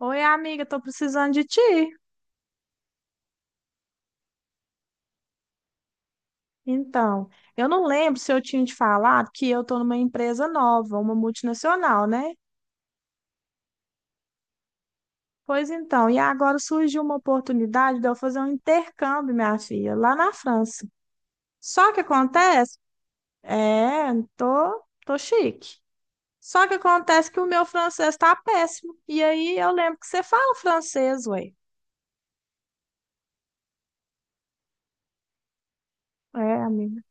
Oi, amiga, tô precisando de ti. Então, eu não lembro se eu tinha te falado que eu tô numa empresa nova, uma multinacional, né? Pois então, e agora surgiu uma oportunidade de eu fazer um intercâmbio, minha filha, lá na França. Só que acontece, é, tô chique. Só que acontece que o meu francês tá péssimo. E aí eu lembro que você fala francês, ué. É, amiga.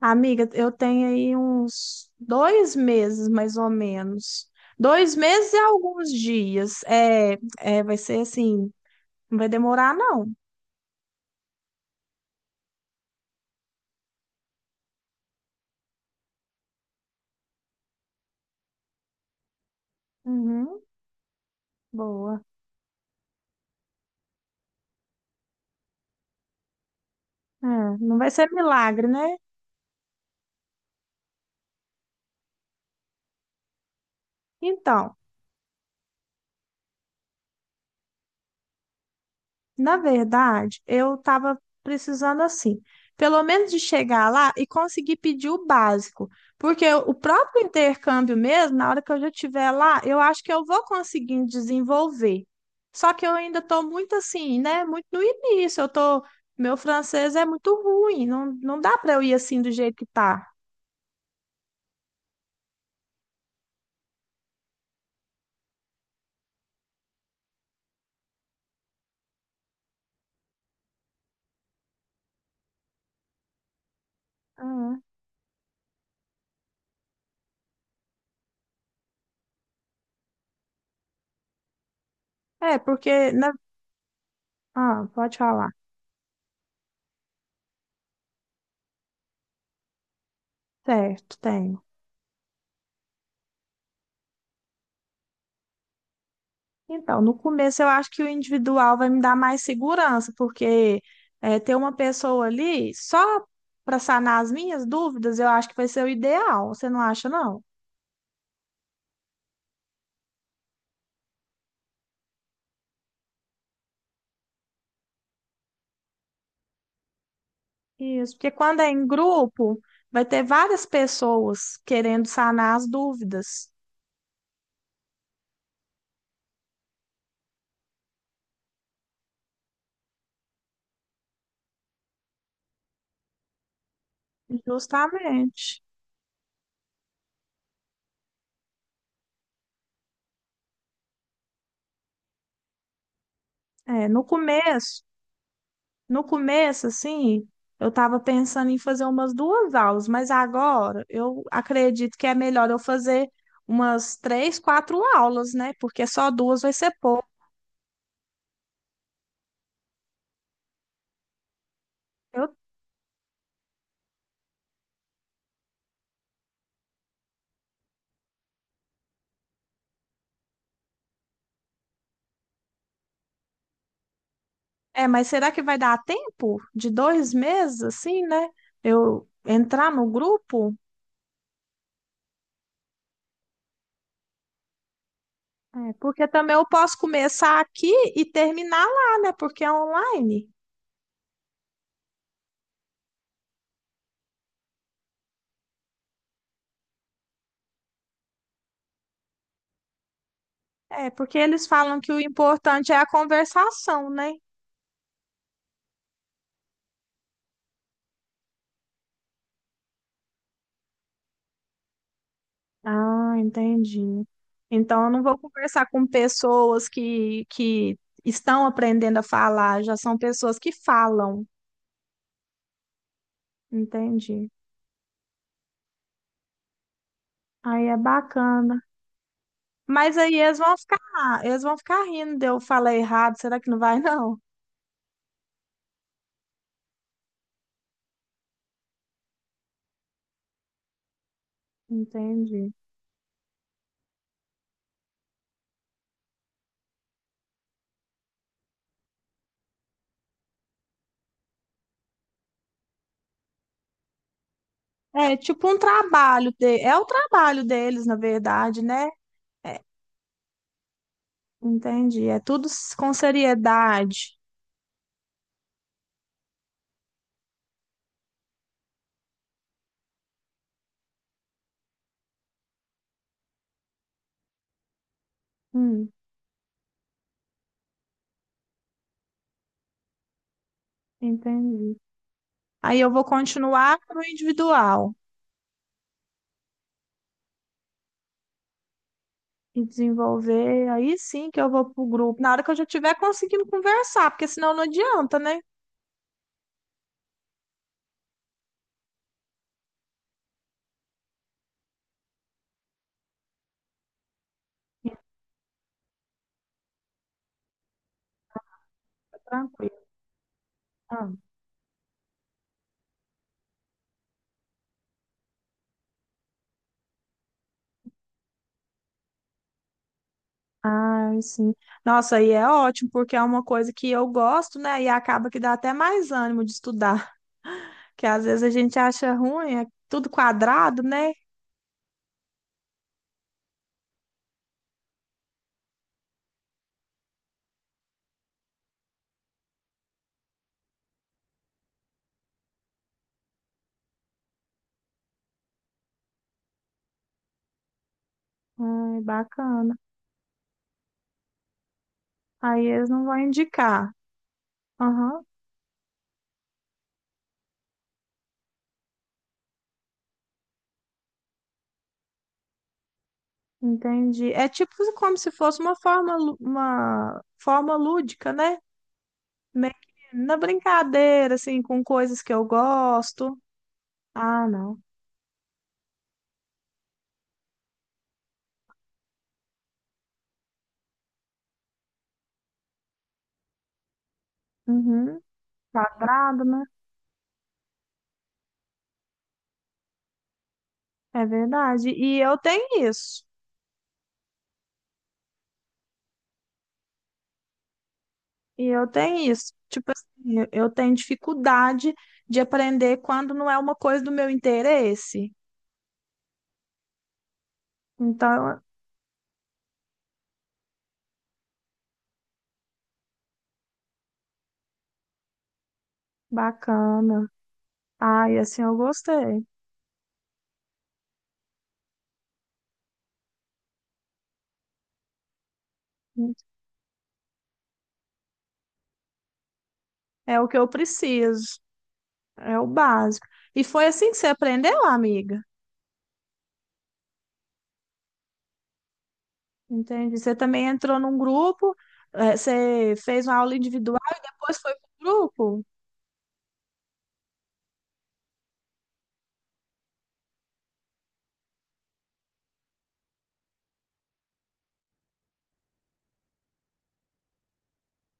Amiga, eu tenho aí uns dois meses, mais ou menos. Dois meses e alguns dias. Vai ser assim, não vai demorar, não. Uhum, boa. É, não vai ser milagre, né? Então, Na verdade, eu estava precisando assim, pelo menos de chegar lá e conseguir pedir o básico, porque o próprio intercâmbio mesmo, na hora que eu já estiver lá, eu acho que eu vou conseguindo desenvolver. Só que eu ainda estou muito assim, né? Muito no início, meu francês é muito ruim, não dá para eu ir assim do jeito que tá. Uhum. É, porque na... Ah, pode falar. Certo, tenho. Então, no começo eu acho que o individual vai me dar mais segurança, porque é, ter uma pessoa ali só para sanar as minhas dúvidas, eu acho que vai ser o ideal. Você não acha, não? Isso, porque quando é em grupo, vai ter várias pessoas querendo sanar as dúvidas. Justamente. É, no começo, no começo, assim, eu estava pensando em fazer umas duas aulas, mas agora eu acredito que é melhor eu fazer umas três, quatro aulas, né? Porque só duas vai ser pouco. Eu- É, mas será que vai dar tempo de dois meses, assim, né? Eu entrar no grupo? É, porque também eu posso começar aqui e terminar lá, né? Porque é online. É, porque eles falam que o importante é a conversação, né? Ah, entendi. Então eu não vou conversar com pessoas que estão aprendendo a falar, já são pessoas que falam. Entendi. Aí é bacana. Mas aí eles vão ficar rindo de eu falar errado. Será que não vai, não? Entendi. É o trabalho deles, na verdade, né? É, entendi. É tudo com seriedade. Hum, entendi. Aí eu vou continuar no individual e desenvolver. Aí sim que eu vou pro grupo. Na hora que eu já estiver conseguindo conversar, porque senão não adianta, né? Tranquilo. Ah, ah, sim. Nossa, aí é ótimo, porque é uma coisa que eu gosto, né? E acaba que dá até mais ânimo de estudar. Que às vezes a gente acha ruim, é tudo quadrado, né? Ai, bacana. Aí eles não vão indicar. Aham. Entendi. É tipo como se fosse uma forma, uma forma lúdica, né? Meio que na brincadeira, assim, com coisas que eu gosto. Ah, não. Uhum. Quadrado, né? É verdade. E eu tenho isso. Tipo assim, eu tenho dificuldade de aprender quando não é uma coisa do meu interesse. Então, bacana. Ai, assim eu gostei. É o que eu preciso. É o básico. E foi assim que você aprendeu, amiga. Entende? Você também entrou num grupo, você fez uma aula individual e depois foi pro grupo.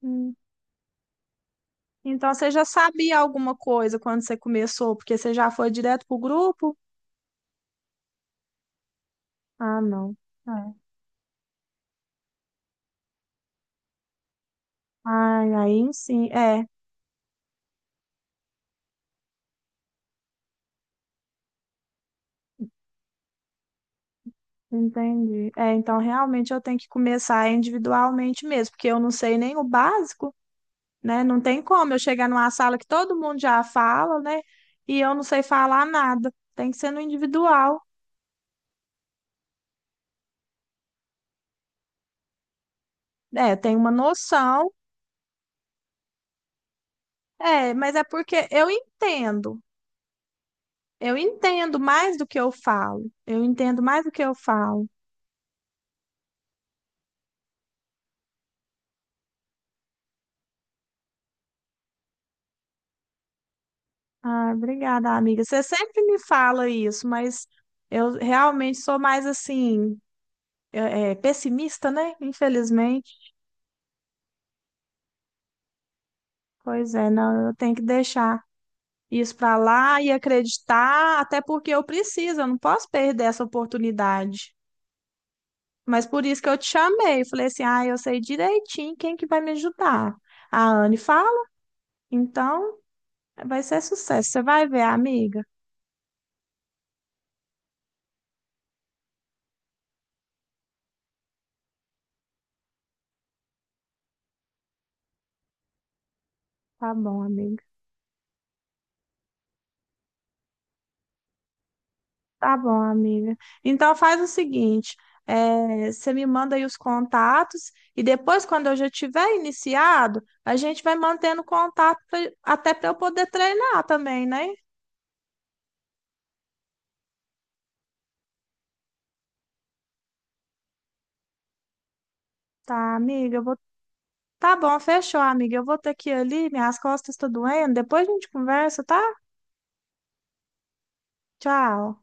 Hum. Então você já sabia alguma coisa quando você começou, porque você já foi direto pro grupo? Ah, não. É. Ai, aí sim. É, entendi. É, então realmente eu tenho que começar individualmente mesmo, porque eu não sei nem o básico. Né? Não tem como eu chegar numa sala que todo mundo já fala, né? E eu não sei falar nada. Tem que ser no individual. É, tem uma noção. É, mas é porque eu entendo. Eu entendo mais do que eu falo. Eu entendo mais do que eu falo. Ah, obrigada, amiga. Você sempre me fala isso, mas eu realmente sou mais assim, pessimista, né? Infelizmente. Pois é, não, eu tenho que deixar isso para lá e acreditar, até porque eu preciso, eu não posso perder essa oportunidade. Mas por isso que eu te chamei, falei assim: "Ah, eu sei direitinho quem que vai me ajudar". A Anne fala: "Então, vai ser sucesso, você vai ver, amiga". Tá bom, amiga. Tá bom, amiga. Então faz o seguinte, você me manda aí os contatos e depois, quando eu já tiver iniciado, a gente vai mantendo contato até para eu poder treinar também, né? Tá, amiga, eu vou Tá bom, fechou, amiga. Eu vou ter que ir ali, minhas costas estão doendo. Depois a gente conversa, tá? Tchau.